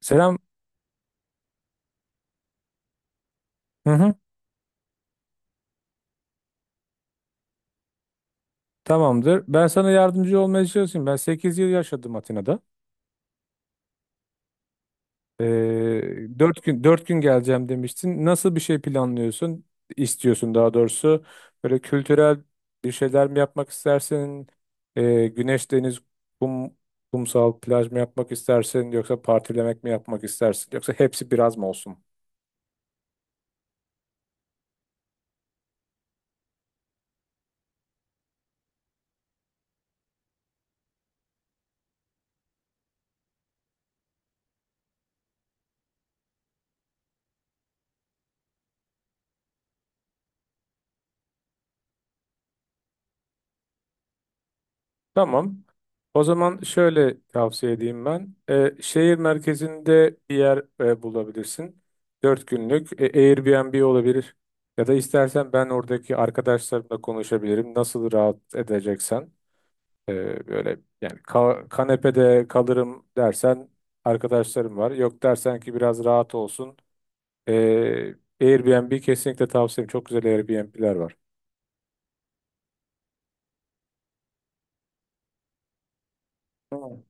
Selam. Hı hı. Tamamdır. Ben sana yardımcı olmaya çalışayım. Ben 8 yıl yaşadım Atina'da. Ee, 4 gün dört gün geleceğim demiştin. Nasıl bir şey planlıyorsun? İstiyorsun daha doğrusu. Böyle kültürel bir şeyler mi yapmak istersin? Güneş, deniz, kum, kumsal, plaj mı yapmak istersin? Yoksa partilemek mi yapmak istersin? Yoksa hepsi biraz mı olsun? Tamam. O zaman şöyle tavsiye edeyim ben. Şehir merkezinde bir yer bulabilirsin. 4 günlük Airbnb olabilir. Ya da istersen ben oradaki arkadaşlarımla konuşabilirim. Nasıl rahat edeceksen. Böyle yani kanepede kalırım dersen arkadaşlarım var. Yok dersen ki biraz rahat olsun. Ee, Airbnb kesinlikle tavsiyem. Çok güzel Airbnb'ler var. Tamam.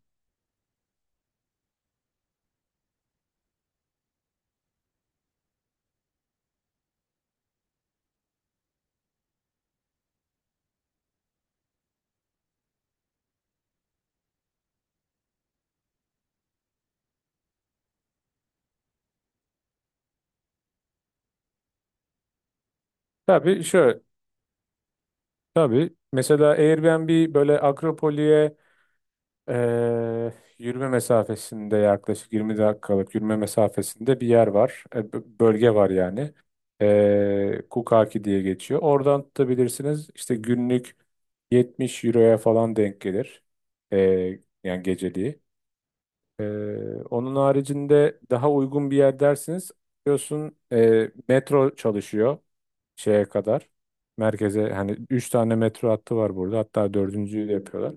Tabii şöyle. Tabii. Mesela Airbnb böyle Akropoli'ye, Ee, yürüme mesafesinde, yaklaşık 20 dakikalık yürüme mesafesinde bir yer var. Bölge var yani. Kukaki diye geçiyor. Oradan tutabilirsiniz. İşte günlük 70 euroya falan denk gelir. Yani geceliği. Ee, Onun haricinde daha uygun bir yer dersiniz. Biliyorsun metro çalışıyor şeye kadar. Merkeze hani 3 tane metro hattı var burada. Hatta dördüncüyü de yapıyorlar.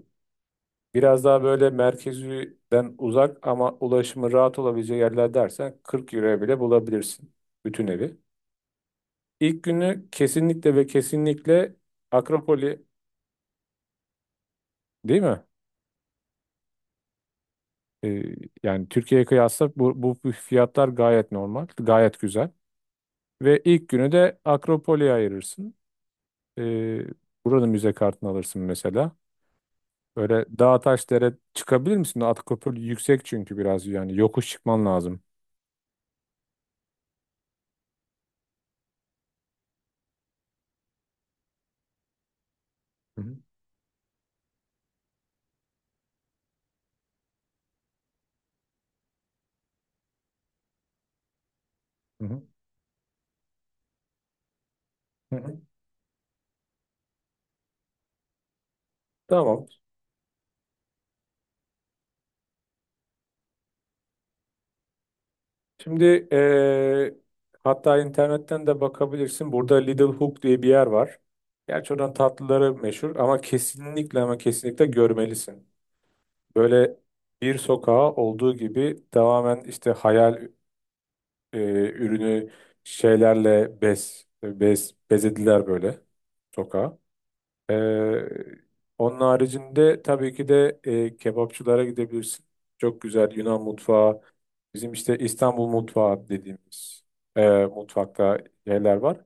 Biraz daha böyle merkezden uzak ama ulaşımı rahat olabileceği yerler dersen 40 euroya bile bulabilirsin bütün evi. İlk günü kesinlikle ve kesinlikle Akropoli, değil mi? Ee, Yani Türkiye'ye kıyasla bu fiyatlar gayet normal, gayet güzel. Ve ilk günü de Akropoli'ye ayırırsın. Ee, Buranın müze kartını alırsın mesela. Böyle dağ taş dere çıkabilir misin? Akropoli yüksek çünkü biraz yani yokuş çıkman lazım. Hı hı. Hı hı. Hı hı. Tamam. Şimdi eee, hatta internetten de bakabilirsin. Burada Little Hook diye bir yer var. Gerçi oradan tatlıları meşhur ama kesinlikle ama kesinlikle görmelisin. Böyle bir sokağa olduğu gibi tamamen işte hayal eee, ürünü şeylerle bez bezediler böyle sokağı. Ee, Onun haricinde tabii ki de kebapçılara gidebilirsin. Çok güzel Yunan mutfağı, bizim işte İstanbul mutfağı dediğimiz mutfakta yerler var.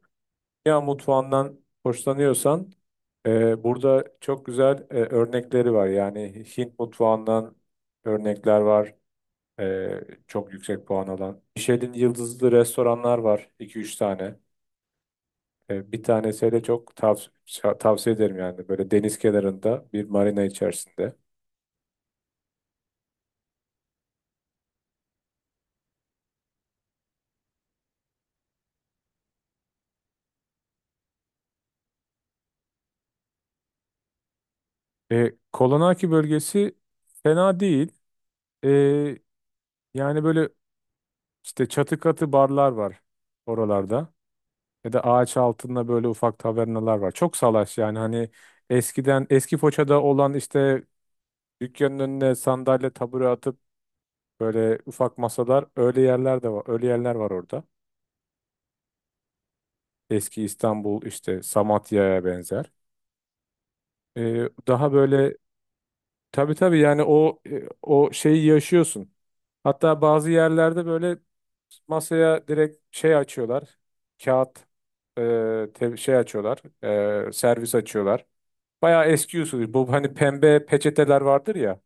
Ya mutfağından hoşlanıyorsan burada çok güzel örnekleri var. Yani Hint mutfağından örnekler var. E, Çok yüksek puan alan Michelin yıldızlı restoranlar var iki üç tane. Bir tane de çok tavsiye ederim yani. Böyle deniz kenarında bir marina içerisinde. Kolonaki bölgesi fena değil. E, Yani böyle işte çatı katı barlar var oralarda. Ya da ağaç altında böyle ufak tavernalar var. Çok salaş yani hani eskiden eski Foça'da olan işte dükkanın önüne sandalye tabure atıp böyle ufak masalar, öyle yerler de var. Öyle yerler var orada. Eski İstanbul işte Samatya'ya benzer. Daha böyle, tabii tabii yani o o şeyi yaşıyorsun. Hatta bazı yerlerde böyle masaya direkt şey açıyorlar. Kağıt şey açıyorlar, servis açıyorlar. Bayağı eski usul. Bu hani pembe peçeteler vardır ya.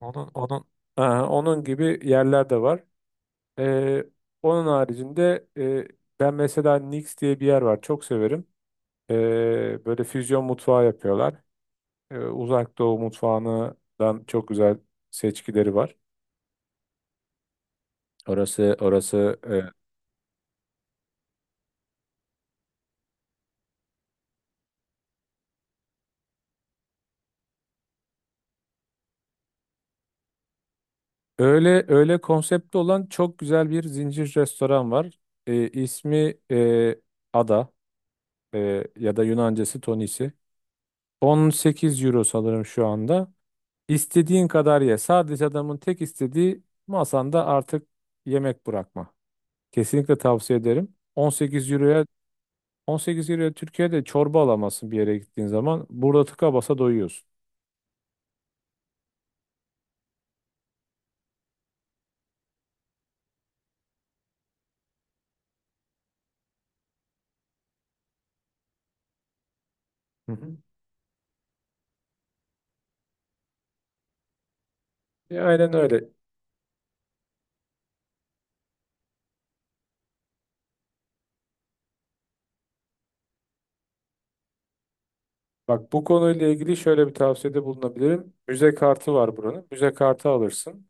Onun onun Aha, onun gibi yerler de var. Ee, Onun haricinde ben mesela, Nix diye bir yer var. Çok severim. Böyle füzyon mutfağı yapıyorlar. Uzak Doğu mutfağından çok güzel seçkileri var. Orası öyle konseptli olan çok güzel bir zincir restoran var. İsmi Ada, ya da Yunancası Tonisi. 18 euro sanırım şu anda. İstediğin kadar ye. Sadece adamın tek istediği masanda artık yemek bırakma. Kesinlikle tavsiye ederim. 18 euroya Türkiye'de çorba alamazsın bir yere gittiğin zaman. Burada tıka basa doyuyorsun. Hı hı. Aynen öyle. Bak bu konuyla ilgili şöyle bir tavsiyede bulunabilirim. Müze kartı var buranın. Müze kartı alırsın.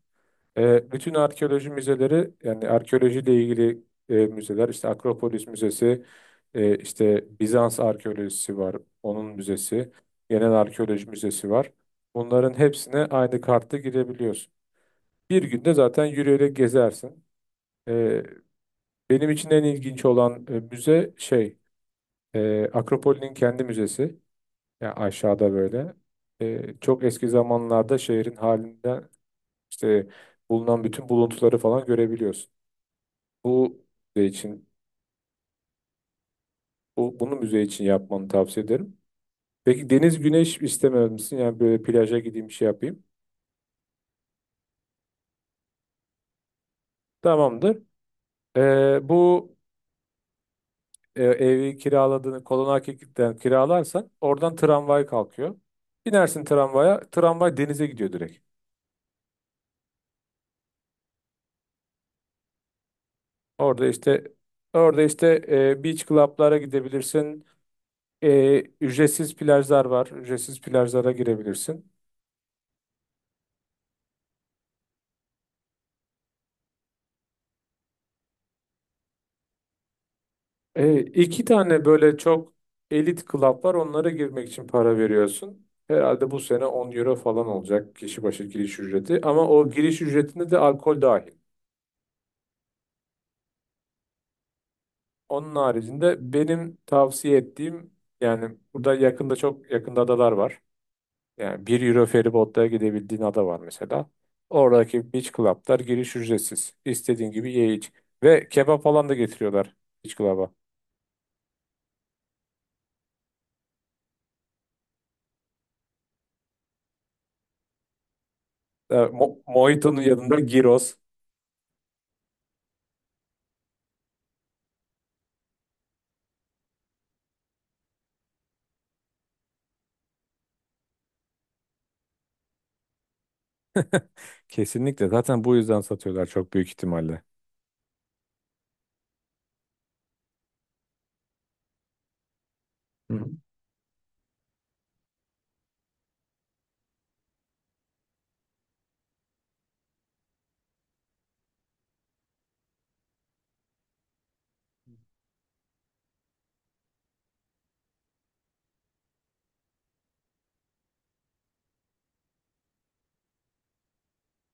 Bütün arkeoloji müzeleri, yani arkeolojiyle ilgili müzeler, işte Akropolis Müzesi, işte Bizans arkeolojisi var, onun müzesi, genel arkeoloji müzesi var. Bunların hepsine aynı kartla girebiliyorsun. Bir günde zaten yürüyerek gezersin. E, Benim için en ilginç olan müze şey, Akropol'ün kendi müzesi, yani aşağıda böyle. Çok eski zamanlarda şehrin halinden işte bulunan bütün buluntuları falan görebiliyorsun. Bu müze için, bu, Bunu müze için yapmanı tavsiye ederim. Peki deniz, güneş istemez misin? Yani böyle plaja gideyim, bir şey yapayım. Tamamdır. Ee, bu Evi kiraladığını Kolonaki'den kiralarsan oradan tramvay kalkıyor. Binersin tramvaya, tramvay denize gidiyor direkt. Orada işte orada işte beach club'lara gidebilirsin. Ücretsiz plajlar var. Ücretsiz plajlara girebilirsin. İki tane böyle çok elit club var. Onlara girmek için para veriyorsun. Herhalde bu sene 10 euro falan olacak kişi başı giriş ücreti. Ama o giriş ücretinde de alkol dahil. Onun haricinde benim tavsiye ettiğim, yani burada yakında çok yakında adalar var. Yani 1 euro feribotla gidebildiğin ada var mesela. Oradaki beach club'lar giriş ücretsiz. İstediğin gibi ye iç. Ve kebap falan da getiriyorlar beach club'a. Mojito'nun yanında gyros. Kesinlikle. Zaten bu yüzden satıyorlar çok büyük ihtimalle. Hı hı.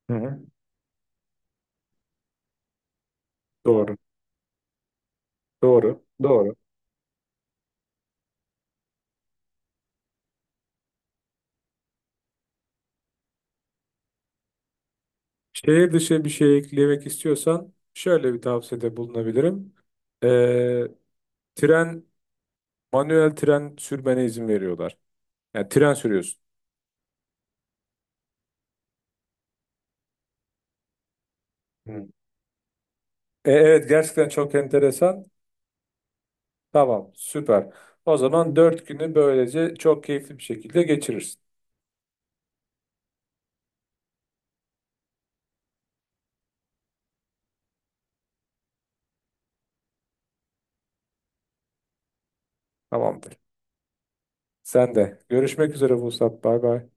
Hı. Hı. Doğru, doğru, doğru. Şehir dışı bir şey eklemek istiyorsan şöyle bir tavsiyede bulunabilirim. Ee, Tren, manuel tren sürmene izin veriyorlar. Yani tren sürüyorsun. Hı. Evet, gerçekten çok enteresan. Tamam, süper. O zaman 4 günü böylece çok keyifli bir şekilde geçirirsin. Tamamdır. Sen de. Görüşmek üzere Vuslat. Bay bay.